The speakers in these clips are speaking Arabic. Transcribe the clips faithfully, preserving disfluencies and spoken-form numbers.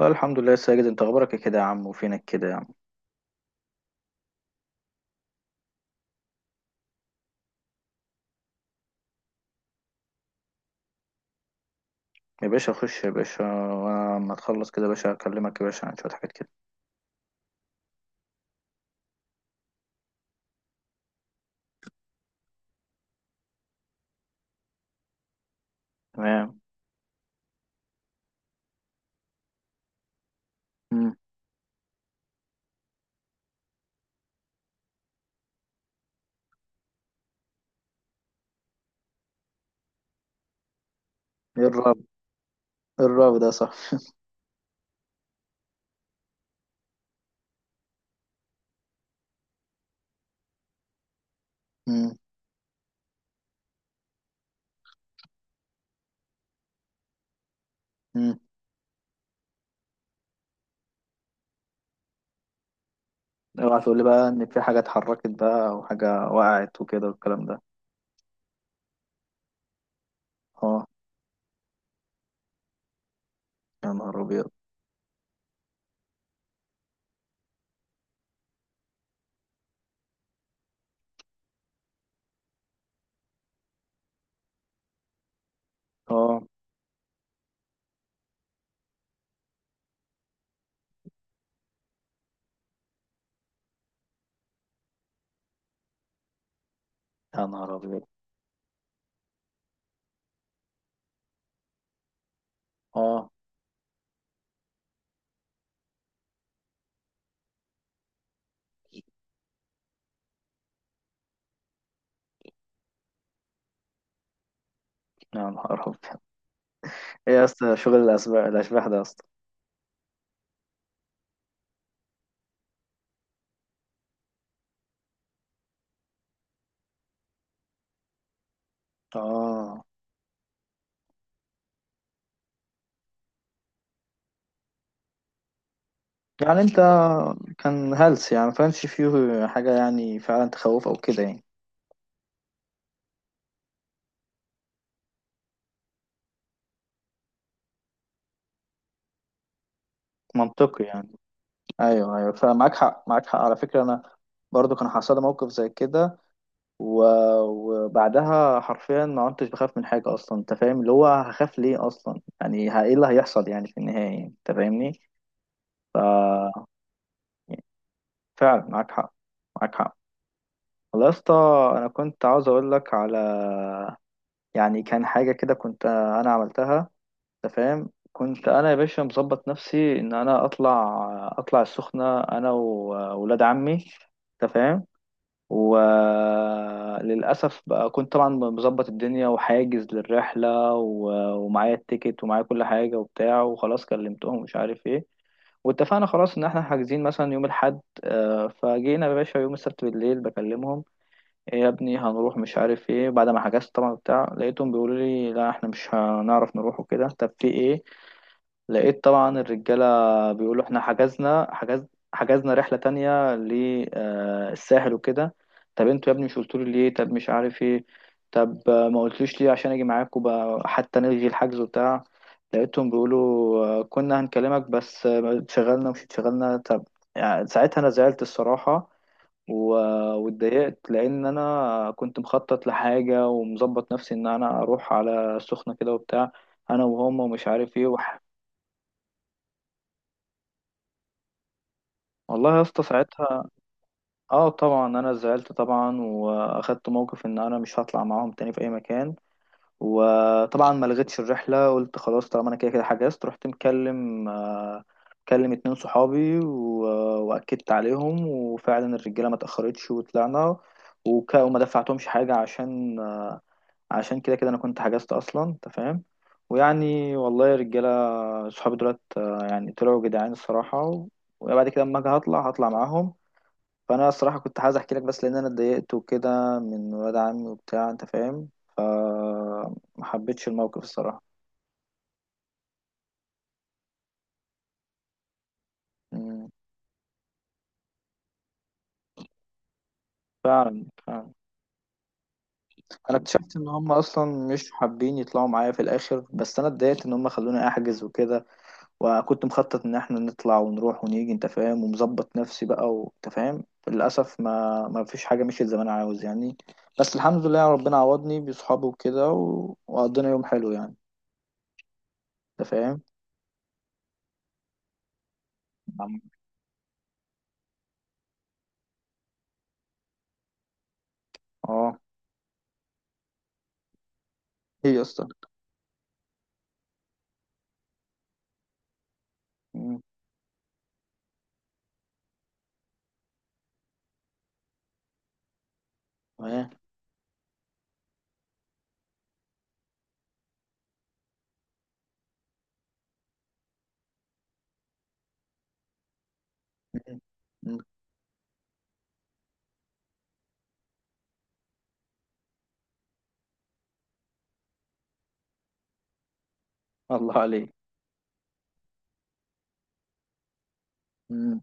لا الحمد لله يا ساجد، انت اخبارك ايه كده يا عم؟ وفينك كده يا عم؟ يا باشا خش يا باشا. وانا لما تخلص كده يا باشا اكلمك يا باشا عن شويه حاجات كده. تمام. امم ايه الراب ايه الراب ده؟ صح. امم امم اوعى تقول لي بقى ان في حاجه اتحركت بقى وحاجه وقعت وكده والكلام ده. اه، يا نهار ابيض. اه، يا نهار ابيض. اه، يا نهار ابيض. ايه يا اسطى؟ شغل الاشباح الاشباح ده يا اسطى؟ اه. يعني انت كان هلس يعني؟ ما كانش فيه حاجه يعني فعلا تخوف او كده يعني؟ منطقي يعني. ايوه ايوه، فمعاك حق. معاك حق، على فكره انا برضو كان حصل لي موقف زي كده، و... وبعدها حرفيا ما كنتش بخاف من حاجه اصلا. انت فاهم؟ اللي هو هخاف ليه اصلا يعني؟ ه- ايه اللي هيحصل يعني في النهايه يعني. انت فاهمني؟ ف فعلا معاك حق. معاك حق، والله يا اسطى. انا كنت عاوز اقول لك على، يعني كان حاجه كده كنت انا عملتها، انت فاهم؟ كنت انا يا باشا مظبط نفسي ان انا اطلع اطلع السخنه انا وولاد عمي، انت فاهم؟ وللأسف بقى كنت طبعا مظبط الدنيا وحاجز للرحلة، و- ومعايا التيكت ومعايا كل حاجة وبتاع، وخلاص كلمتهم ومش عارف ايه. واتفقنا خلاص ان احنا حاجزين مثلا يوم الحد، آه، فجينا يا باشا يوم السبت بالليل بكلمهم: ايه يا ابني هنروح؟ مش عارف ايه، بعد ما حجزت طبعا بتاع لقيتهم بيقولوا لي لا احنا مش هنعرف نروح وكده. طب في ايه؟ لقيت طبعا الرجالة بيقولوا احنا حجزنا حجز، حجزنا رحلة تانية للساحل وكده. طب انتوا يا ابني مش قلتولي ليه؟ طب مش عارف ايه. طب آه، ما قلتليش ليه عشان اجي معاكم بقى حتى نلغي الحجز وبتاع؟ لقيتهم بيقولوا آه، كنا هنكلمك بس آه، اتشغلنا ومش اتشغلنا، طب. يعني ساعتها انا زعلت الصراحة، و- واتضايقت لان انا كنت مخطط لحاجة ومظبط نفسي ان انا اروح على السخنة كده وبتاع، انا وهم ومش عارف ايه. والله يا اسطى ساعتها، اه طبعا انا زعلت طبعا، واخدت موقف ان انا مش هطلع معاهم تاني في اي مكان. وطبعا ما لغيتش الرحله، قلت خلاص طالما انا كده كده حجزت، رحت مكلم آه، مكلم اتنين صحابي، و- واكدت عليهم. وفعلا الرجاله ما تاخرتش وطلعنا، وك... وما دفعتهمش حاجه عشان عشان كده كده انا كنت حجزت اصلا، انت فاهم؟ ويعني والله يا رجاله، صحابي دولت آه، يعني طلعوا جدعان الصراحه. وبعد كده اما اجي هطلع هطلع معاهم. فانا الصراحه كنت عايز احكي لك بس لان انا اتضايقت وكده من ولاد عمي وبتاع، انت فاهم. ما حبيتش الموقف الصراحه. مم. فعلا فعلا. انا اكتشفت ان هم اصلا مش حابين يطلعوا معايا في الاخر، بس انا اتضايقت ان هم خلوني احجز وكده، وكنت مخطط ان احنا نطلع ونروح ونيجي، انت فاهم؟ ومظبط نفسي بقى، وانت فاهم للاسف ما ما فيش حاجه مشيت زي ما انا عاوز يعني. بس الحمد لله ربنا عوضني بصحابي وكده، و... وقضينا يوم حلو يعني، انت فاهم. نعم. اه. ايه يا اسطى؟ مم. إيه؟ مم. مم. الله عليك. مم.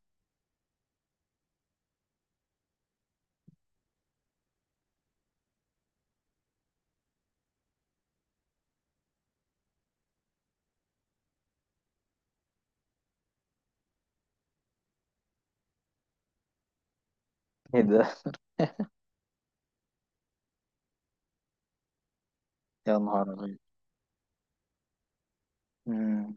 ايه ده؟ يا نهار ابيض. مم.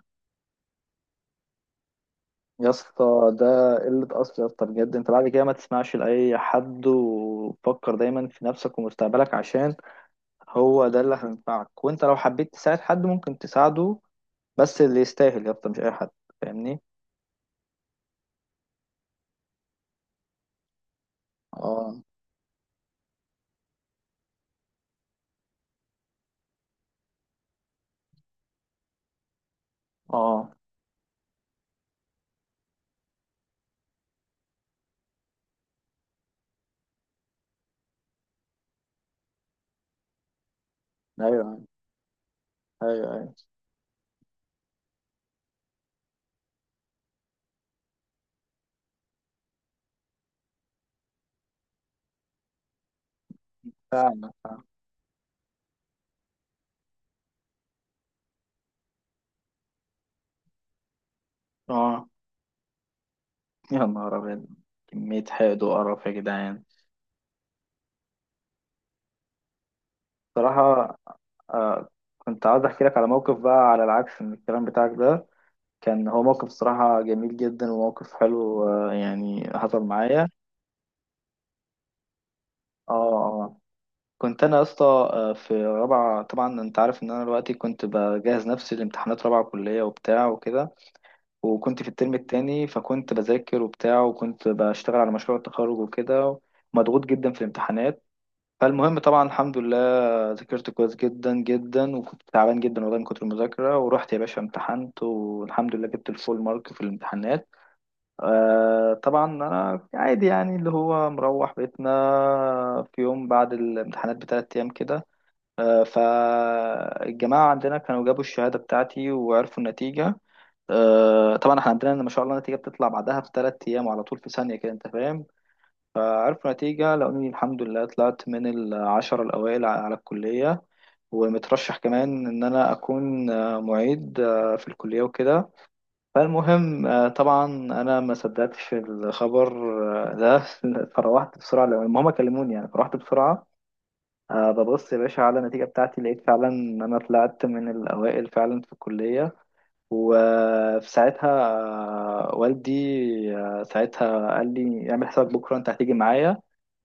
يا اسطى، ده قلة أصل يا اسطى بجد. انت بعد كده ما تسمعش لأي حد، وفكر دايما في نفسك ومستقبلك، عشان هو ده اللي هينفعك. وانت لو حبيت تساعد حد ممكن تساعده، بس اللي يستاهل يا اسطى، مش أي حد. فاهمني؟ اه. اه. ايوه ايوه. ايوه. فعلا فعلا. اه. يا نهار ابيض. كمية حقد وقرف يا جدعان. صراحة آه، كنت عاوز احكي لك على موقف بقى على العكس من الكلام بتاعك ده. كان هو موقف صراحة جميل جدا، وموقف حلو آه يعني، حصل معايا. اه. آه. كنت انا يا اسطى آه، في رابعة. طبعا انت عارف ان انا دلوقتي كنت بجهز نفسي لامتحانات رابعة كلية وبتاع وكده، وكنت في الترم التاني. فكنت بذاكر وبتاع، وكنت بشتغل على مشروع التخرج وكده. مضغوط جدا في الامتحانات. فالمهم طبعا الحمد لله ذاكرت كويس جدا جدا، وكنت تعبان جدا والله من كتر المذاكرة. ورحت يا باشا امتحنت، والحمد لله جبت الفول مارك في الامتحانات. آه طبعا أنا عادي يعني اللي هو مروح بيتنا في يوم بعد الامتحانات بثلاث أيام كده. آه، فالجماعة عندنا كانوا جابوا الشهادة بتاعتي وعرفوا النتيجة. آه طبعا احنا عندنا ما شاء الله النتيجة بتطلع بعدها بثلاث أيام، وعلى طول في ثانية كده، أنت فاهم. فعرفوا نتيجة، لقوني الحمد لله طلعت من العشرة الأوائل على الكلية، ومترشح كمان إن أنا أكون آه، معيد آه، في الكلية وكده. فالمهم آه، طبعا أنا ما صدقتش الخبر آه، ده. فروحت بسرعة لو هما كلموني يعني، فروحت بسرعة آه، ببص يا باشا على النتيجة بتاعتي، لقيت فعلا إن أنا طلعت من الأوائل فعلا في الكلية. وفي ساعتها آه، والدي آه، ساعتها قال لي اعمل حسابك بكرة أنت هتيجي معايا،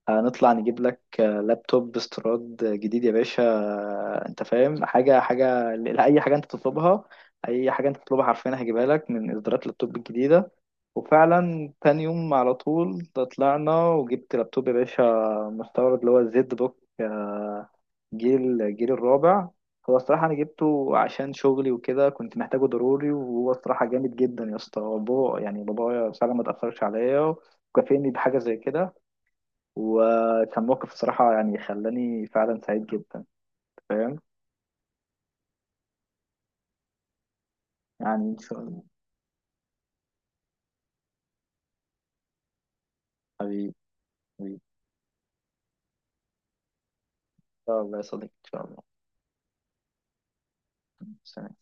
هنطلع نجيب لك آه، لابتوب استيراد جديد يا باشا. آه، انت فاهم، حاجة حاجة لأي حاجة انت تطلبها، أي حاجة انت تطلبها حرفيا هجيبها لك من إصدارات اللابتوب الجديدة. وفعلا تاني يوم على طول طلعنا، وجبت لابتوب يا باشا مستورد اللي هو الزد بوك، آه، جيل جيل الرابع. هو الصراحة أنا جبته عشان شغلي وكده، كنت محتاجه ضروري، وهو الصراحة جامد جدا يا اسطى. هو بابا يعني، بابايا فعلا ما تأثرش عليا، وكافئني بحاجة زي كده، وكان موقف بصراحة يعني خلاني فعلا سعيد جدا، فاهم؟ يعني إن شاء الله. حبيبي. حبيبي إن شاء الله يا صديقي، إن شاء الله. سلام.